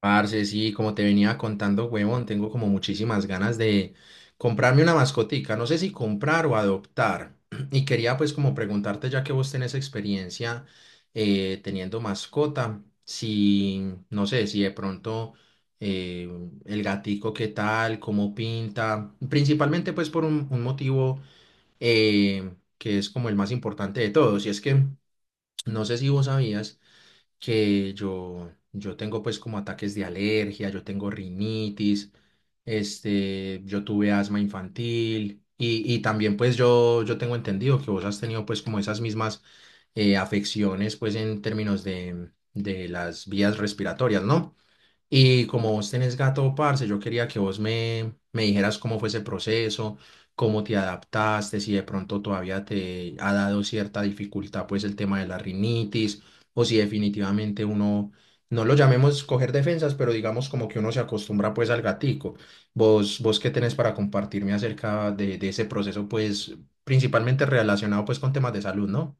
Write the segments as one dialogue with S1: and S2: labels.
S1: Parce, sí, como te venía contando, huevón, tengo como muchísimas ganas de comprarme una mascotica, no sé si comprar o adoptar. Y quería pues como preguntarte, ya que vos tenés experiencia teniendo mascota, si, no sé, si de pronto eh, el gatico qué tal, cómo pinta, principalmente pues por un motivo que es como el más importante de todos, y es que no sé si vos sabías que yo tengo pues como ataques de alergia, yo tengo rinitis, este, yo tuve asma infantil y también pues yo tengo entendido que vos has tenido pues como esas mismas afecciones pues en términos de las vías respiratorias, ¿no? Y como vos tenés gato, parce, yo quería que vos me dijeras cómo fue ese proceso, cómo te adaptaste, si de pronto todavía te ha dado cierta dificultad, pues el tema de la rinitis, o si definitivamente uno, no lo llamemos coger defensas, pero digamos como que uno se acostumbra pues al gatico. Vos qué tenés para compartirme acerca de ese proceso, pues principalmente relacionado pues con temas de salud, ¿no?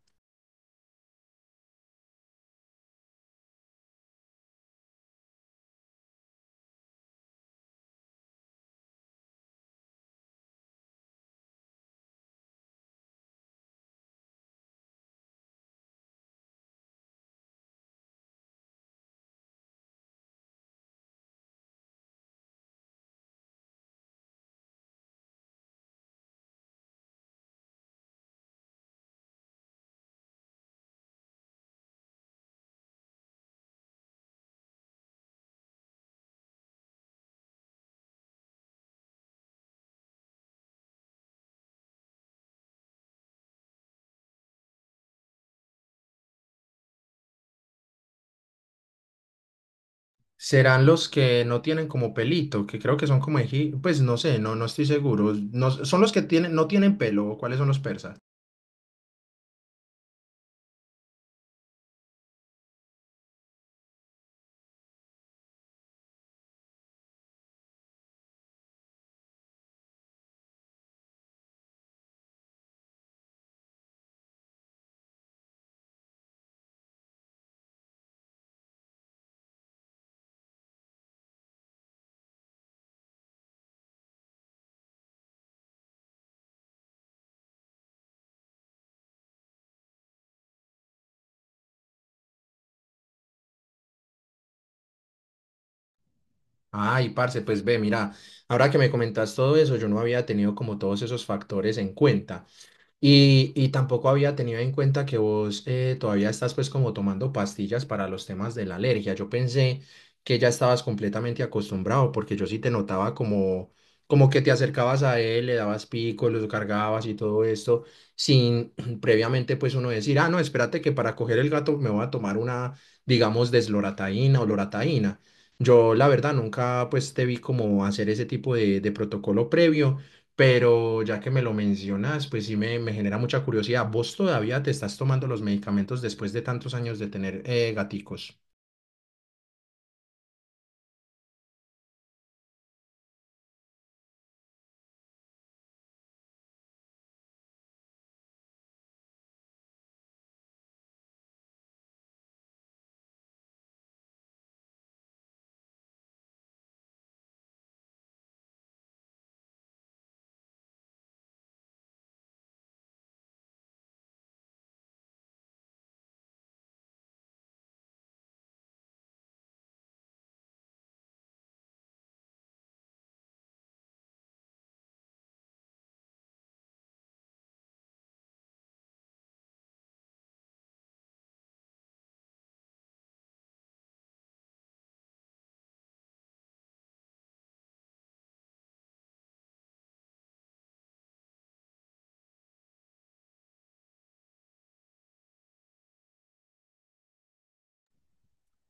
S1: Serán los que no tienen como pelito, que creo que son como pues no sé, no, no estoy seguro. No, son los que tienen, no tienen pelo, ¿o cuáles son los persas? Ay, parce, pues ve, mira, ahora que me comentas todo eso, yo no había tenido como todos esos factores en cuenta. Y tampoco había tenido en cuenta que vos todavía estás pues como tomando pastillas para los temas de la alergia. Yo pensé que ya estabas completamente acostumbrado porque yo sí te notaba como, como que te acercabas a él, le dabas picos, los cargabas y todo esto sin previamente pues uno decir, ah, no, espérate que para coger el gato me voy a tomar una, digamos, deslorataína o lorataína. Yo la verdad nunca pues te vi como hacer ese tipo de protocolo previo. Pero ya que me lo mencionas, pues sí me genera mucha curiosidad. ¿Vos todavía te estás tomando los medicamentos después de tantos años de tener gaticos?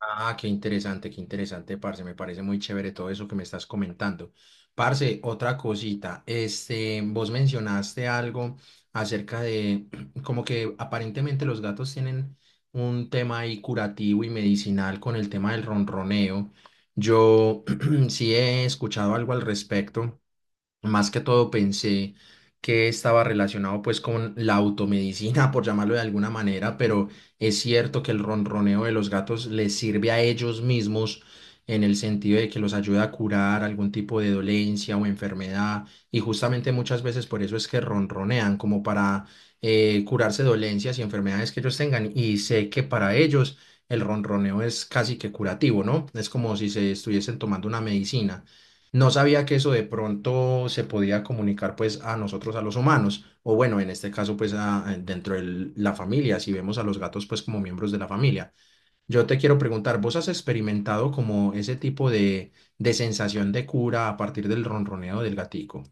S1: Ah, qué interesante, parce. Me parece muy chévere todo eso que me estás comentando. Parce, otra cosita. Este, vos mencionaste algo acerca de como que aparentemente los gatos tienen un tema ahí curativo y medicinal con el tema del ronroneo. Yo sí he escuchado algo al respecto. Más que todo pensé que estaba relacionado pues con la automedicina, por llamarlo de alguna manera, pero es cierto que el ronroneo de los gatos les sirve a ellos mismos en el sentido de que los ayuda a curar algún tipo de dolencia o enfermedad y justamente muchas veces por eso es que ronronean como para curarse dolencias y enfermedades que ellos tengan y sé que para ellos el ronroneo es casi que curativo, ¿no? Es como si se estuviesen tomando una medicina. No sabía que eso de pronto se podía comunicar pues a nosotros, a los humanos, o bueno, en este caso pues dentro de la familia, si vemos a los gatos pues como miembros de la familia. Yo te quiero preguntar, ¿vos has experimentado como ese tipo de sensación de cura a partir del ronroneo del gatico?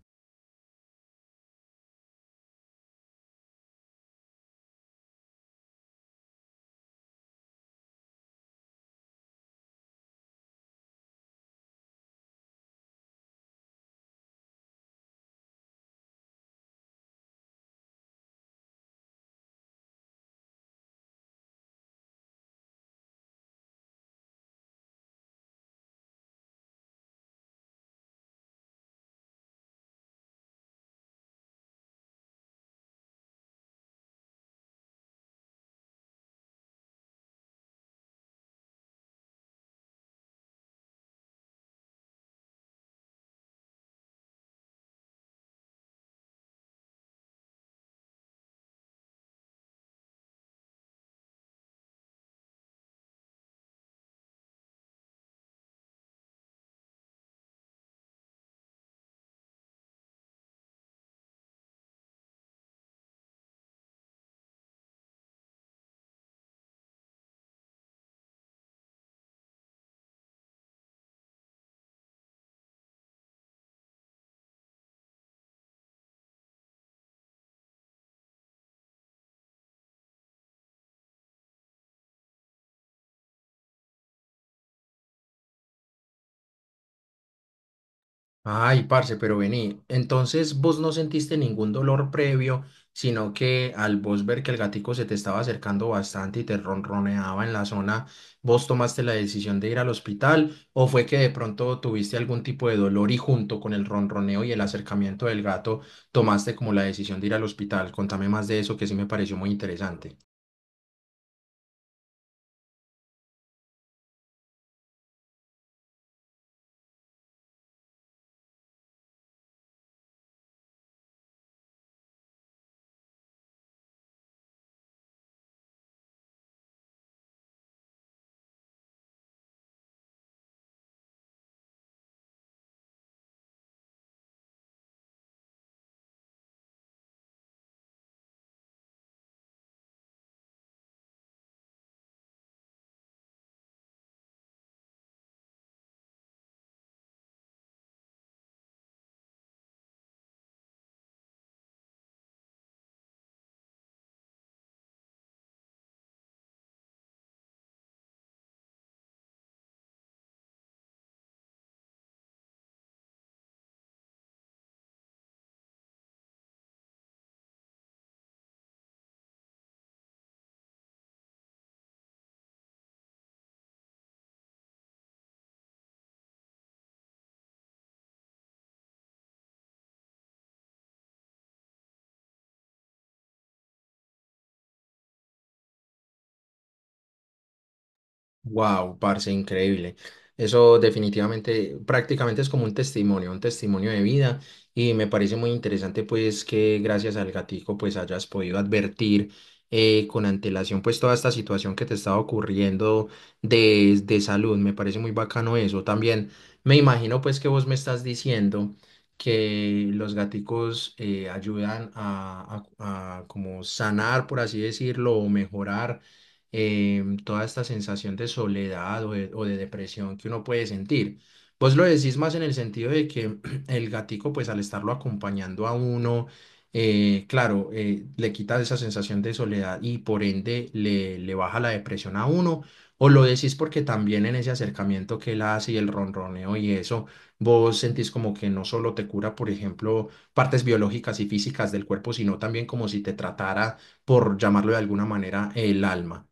S1: Ay, parce, pero vení. Entonces vos no sentiste ningún dolor previo, sino que al vos ver que el gatico se te estaba acercando bastante y te ronroneaba en la zona, ¿vos tomaste la decisión de ir al hospital o fue que de pronto tuviste algún tipo de dolor y junto con el ronroneo y el acercamiento del gato tomaste como la decisión de ir al hospital? Contame más de eso que sí me pareció muy interesante. Wow, parce, increíble. Eso definitivamente, prácticamente es como un testimonio de vida y me parece muy interesante pues que gracias al gatico pues hayas podido advertir con antelación pues toda esta situación que te estaba ocurriendo de salud. Me parece muy bacano eso. También me imagino pues que vos me estás diciendo que los gaticos ayudan a, a como sanar, por así decirlo, o mejorar toda esta sensación de soledad o de depresión que uno puede sentir. Vos lo decís más en el sentido de que el gatico, pues al estarlo acompañando a uno, claro, le quita esa sensación de soledad y por ende le baja la depresión a uno. O lo decís porque también en ese acercamiento que él hace y el ronroneo y eso, vos sentís como que no solo te cura, por ejemplo, partes biológicas y físicas del cuerpo, sino también como si te tratara, por llamarlo de alguna manera, el alma.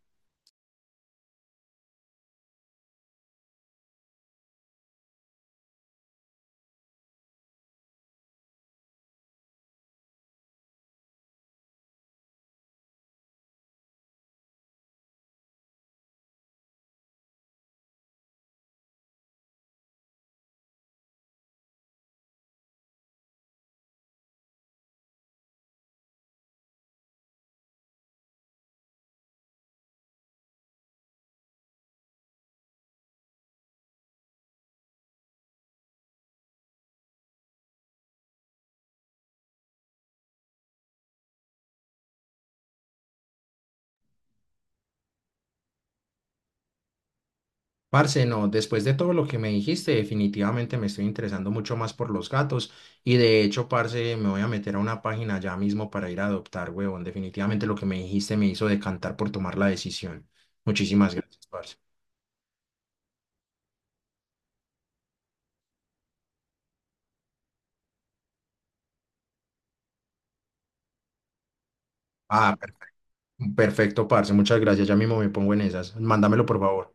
S1: Parce, no, después de todo lo que me dijiste, definitivamente me estoy interesando mucho más por los gatos y de hecho, parce, me voy a meter a una página ya mismo para ir a adoptar, huevón. Definitivamente lo que me dijiste me hizo decantar por tomar la decisión. Muchísimas gracias, parce. Ah, per- Perfecto, parce, muchas gracias. Ya mismo me pongo en esas. Mándamelo, por favor.